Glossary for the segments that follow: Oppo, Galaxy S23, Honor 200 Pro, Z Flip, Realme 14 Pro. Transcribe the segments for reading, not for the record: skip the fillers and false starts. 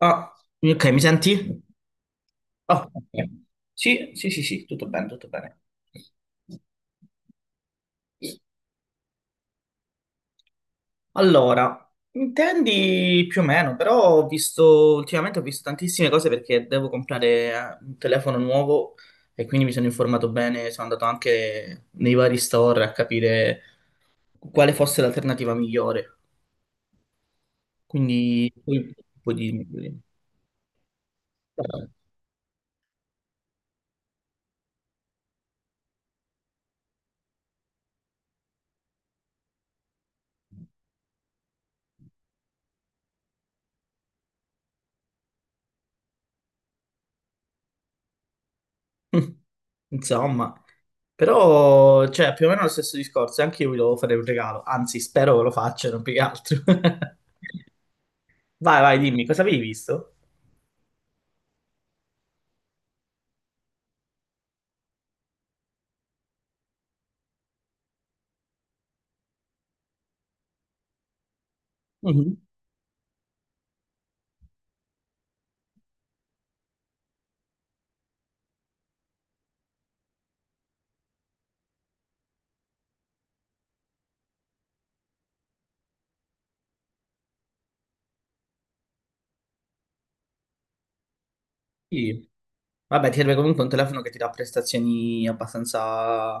Ah. Ok, mi senti? Ah, ok. Sì, sì, sì, sì, tutto bene, tutto bene. Allora, intendi più o meno, però ho visto, ultimamente ho visto tantissime cose perché devo comprare un telefono nuovo e quindi mi sono informato bene, sono andato anche nei vari store a capire quale fosse l'alternativa migliore. Quindi, poi dimmi. Dimmi. Insomma, però, cioè, più o meno lo stesso discorso. Anche io vi devo fare un regalo. Anzi, spero che lo facciano più che altro. Vai, vai, dimmi, cosa avevi visto? Mhm. Sì. Vabbè, ti serve comunque un telefono che ti dà prestazioni abbastanza,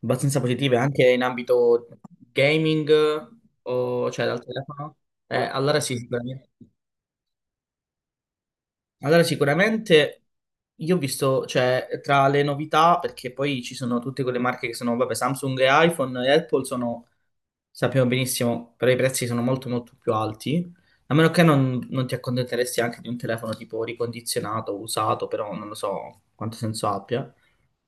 abbastanza positive anche in ambito gaming o cioè dal telefono. Allora sì, sicuramente. Allora, sicuramente io ho visto, cioè, tra le novità, perché poi ci sono tutte quelle marche che sono, vabbè, Samsung e iPhone e Apple sono, sappiamo benissimo, però i prezzi sono molto molto più alti, a meno che non ti accontenteresti anche di un telefono tipo ricondizionato, usato, però non lo so quanto senso abbia.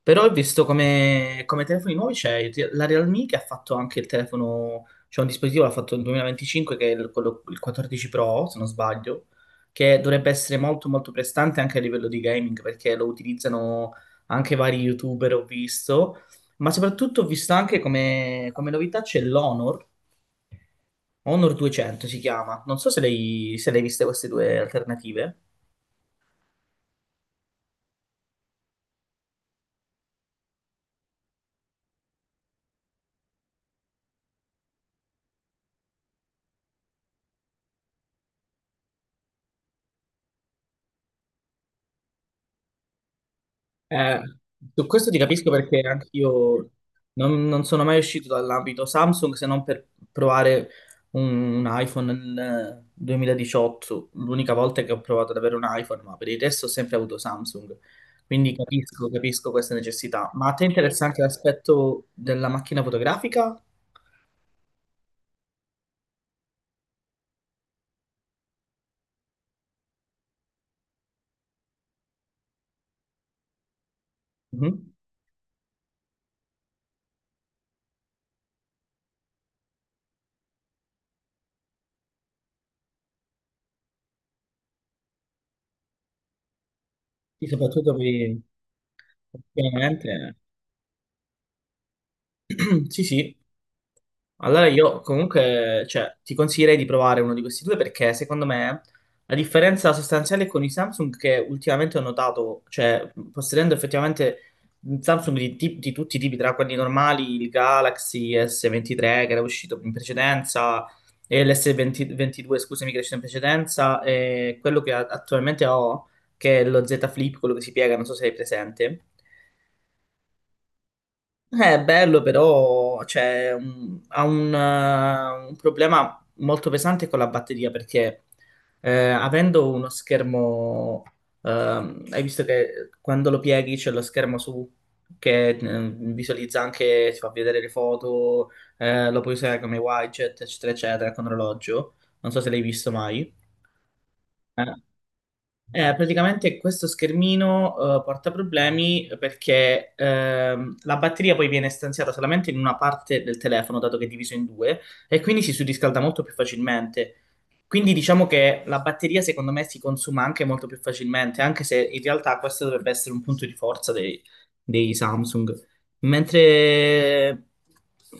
Però ho visto come telefoni nuovi c'è la Realme che ha fatto anche il telefono, c'è un dispositivo l'ha fatto nel 2025 che è il 14 Pro, se non sbaglio, che dovrebbe essere molto molto prestante anche a livello di gaming perché lo utilizzano anche vari YouTuber, ho visto, ma soprattutto ho visto anche come novità c'è l'Honor, Honor 200 si chiama, non so se l'hai viste queste due alternative. Eh, Su questo ti capisco perché anch'io non sono mai uscito dall'ambito Samsung se non per provare un iPhone nel 2018, l'unica volta che ho provato ad avere un iPhone, ma per il resto ho sempre avuto Samsung, quindi capisco, capisco questa necessità. Ma a te interessa anche l'aspetto della macchina fotografica? Mhm. Sì, soprattutto per. Ovviamente, sì, sì. Allora io comunque, cioè, ti consiglierei di provare uno di questi due perché secondo me la differenza sostanziale con i Samsung che ultimamente ho notato, cioè possedendo effettivamente Samsung di tutti i tipi, tra quelli normali, il Galaxy S23 che era uscito in precedenza e l'S22, scusami, che è uscito in precedenza e quello che attualmente ho, che è lo Z Flip, quello che si piega, non so se è presente. È bello, però cioè, ha un problema molto pesante con la batteria perché avendo uno schermo, hai visto che quando lo pieghi c'è lo schermo su che visualizza anche, ti fa vedere le foto, lo puoi usare come widget, eccetera, eccetera, con orologio. Non so se l'hai visto mai. Eh, praticamente questo schermino porta problemi perché la batteria poi viene stanziata solamente in una parte del telefono, dato che è diviso in due, e quindi si surriscalda molto più facilmente. Quindi diciamo che la batteria secondo me si consuma anche molto più facilmente, anche se in realtà questo dovrebbe essere un punto di forza dei Samsung. Mentre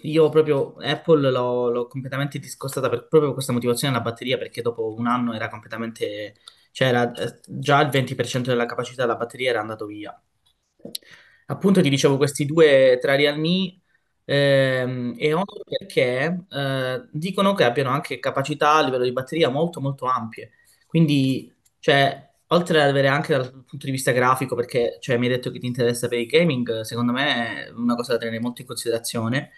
io proprio Apple l'ho completamente discostata proprio per questa motivazione della batteria, perché dopo un anno era completamente, cioè era, già il 20% della capacità della batteria era andato via. Appunto ti dicevo questi due tra Real Me e Honor perché dicono che abbiano anche capacità a livello di batteria molto molto ampie. Quindi, cioè, oltre ad avere anche dal punto di vista grafico, perché cioè, mi hai detto che ti interessa per il gaming, secondo me è una cosa da tenere molto in considerazione.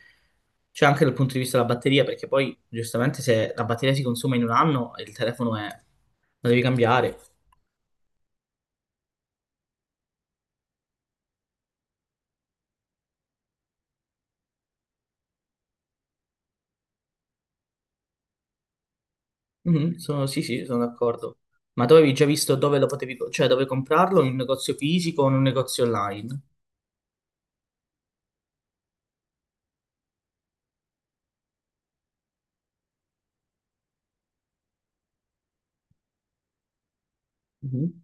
C'è anche dal punto di vista della batteria, perché poi giustamente se la batteria si consuma in un anno, il telefono è, lo devi cambiare. Mhm, sì, sì, sono d'accordo. Ma tu avevi già visto dove lo potevi, cioè dove comprarlo, in un negozio fisico o in un negozio online? Mhm,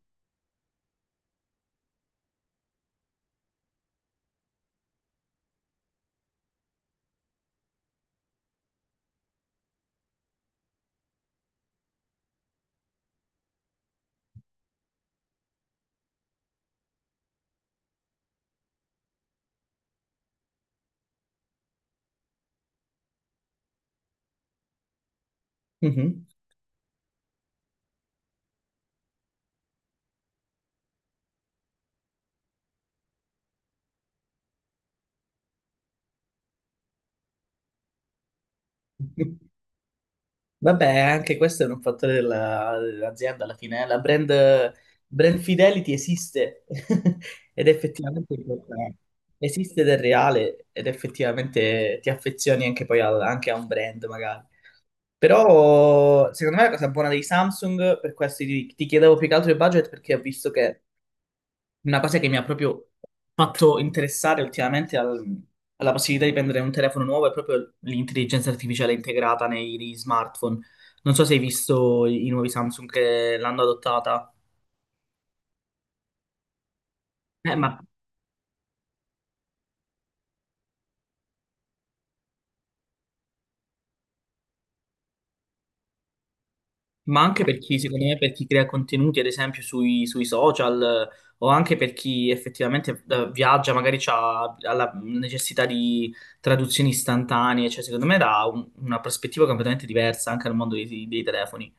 mhm. Vabbè, anche questo è un fattore dell'azienda alla fine, eh. Brand fidelity esiste ed è effettivamente importante. Esiste del reale ed effettivamente ti affezioni anche poi anche a un brand magari. Però secondo me la cosa buona dei Samsung, per questo ti chiedevo più che altro il budget perché ho visto che una cosa che mi ha proprio fatto interessare ultimamente alla possibilità di prendere un telefono nuovo è proprio l'intelligenza artificiale integrata nei smartphone. Non so se hai visto i nuovi Samsung che l'hanno adottata. Eh, ma, ma anche per chi, secondo me, per chi crea contenuti, ad esempio, sui social, o anche per chi effettivamente viaggia, magari ha la necessità di traduzioni istantanee, cioè secondo me dà una prospettiva completamente diversa anche al mondo dei telefoni.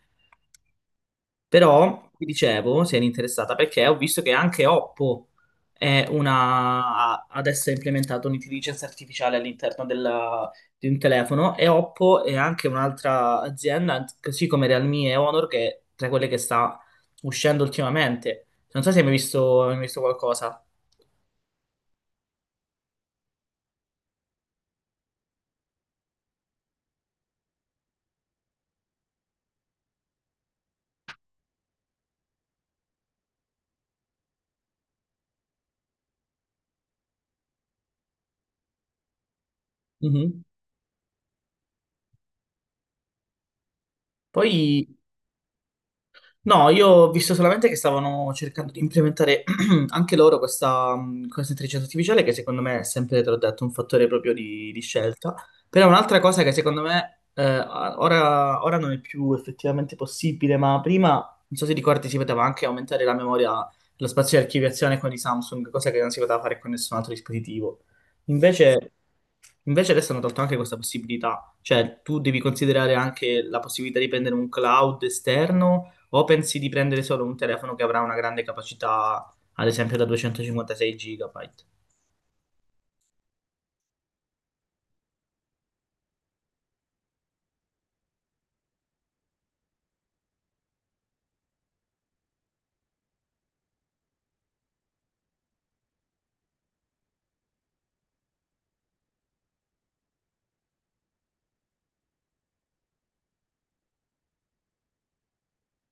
Però ti dicevo, se eri interessata, perché ho visto che anche Oppo adesso ha implementato un'intelligenza artificiale all'interno di un telefono e Oppo è anche un'altra azienda, così come Realme e Honor, che è tra quelle che sta uscendo ultimamente. Non so se hai mai visto qualcosa. Mhm. Poi No, io ho visto solamente che stavano cercando di implementare anche loro questa intelligenza artificiale, che secondo me è sempre, te l'ho detto, un fattore proprio di scelta. Però è un'altra cosa che secondo me ora non è più effettivamente possibile, ma prima, non so se ricordi, si poteva anche aumentare la memoria, lo spazio di archiviazione con i Samsung, cosa che non si poteva fare con nessun altro dispositivo. Invece, invece adesso hanno tolto anche questa possibilità, cioè tu devi considerare anche la possibilità di prendere un cloud esterno o pensi di prendere solo un telefono che avrà una grande capacità, ad esempio da 256 GB?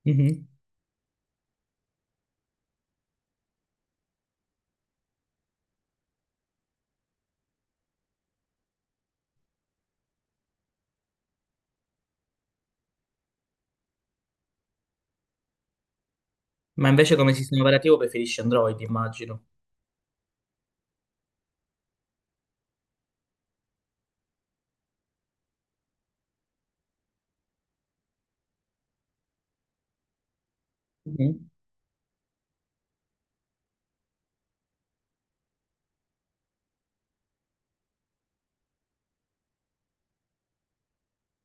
Mhm. Ma invece come sistema operativo preferisci Android, immagino. Mhm.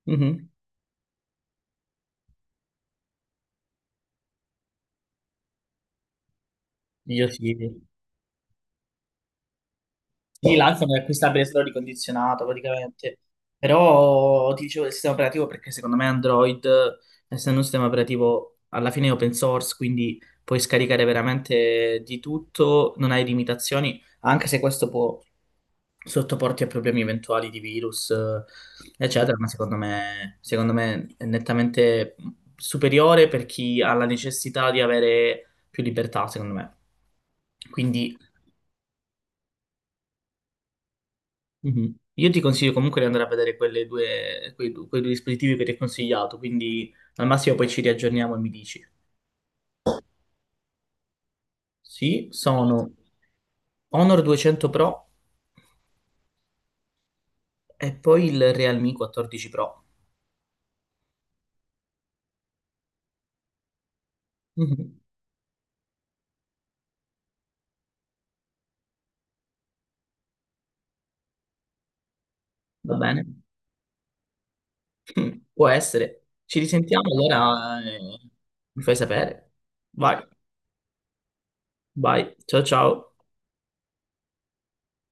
Mhm. Io sì. Sì, l'iPhone è acquistabile solo ricondizionato praticamente, però ti dicevo del sistema operativo perché secondo me Android, essendo un sistema operativo alla fine è open source, quindi puoi scaricare veramente di tutto, non hai limitazioni, anche se questo può sottoporti a problemi eventuali di virus, eccetera, ma secondo me è nettamente superiore per chi ha la necessità di avere più libertà, secondo me. Quindi. Mhm. Io ti consiglio comunque di andare a vedere quelle due, quei, du- quei due dispositivi che ti ho consigliato, quindi al massimo poi ci riaggiorniamo e mi dici. Sì, sono Honor 200 Pro e poi il Realme 14 Pro. Mhm. Va bene? Può essere. Ci risentiamo allora, mi fai sapere. Vai, vai, ciao ciao.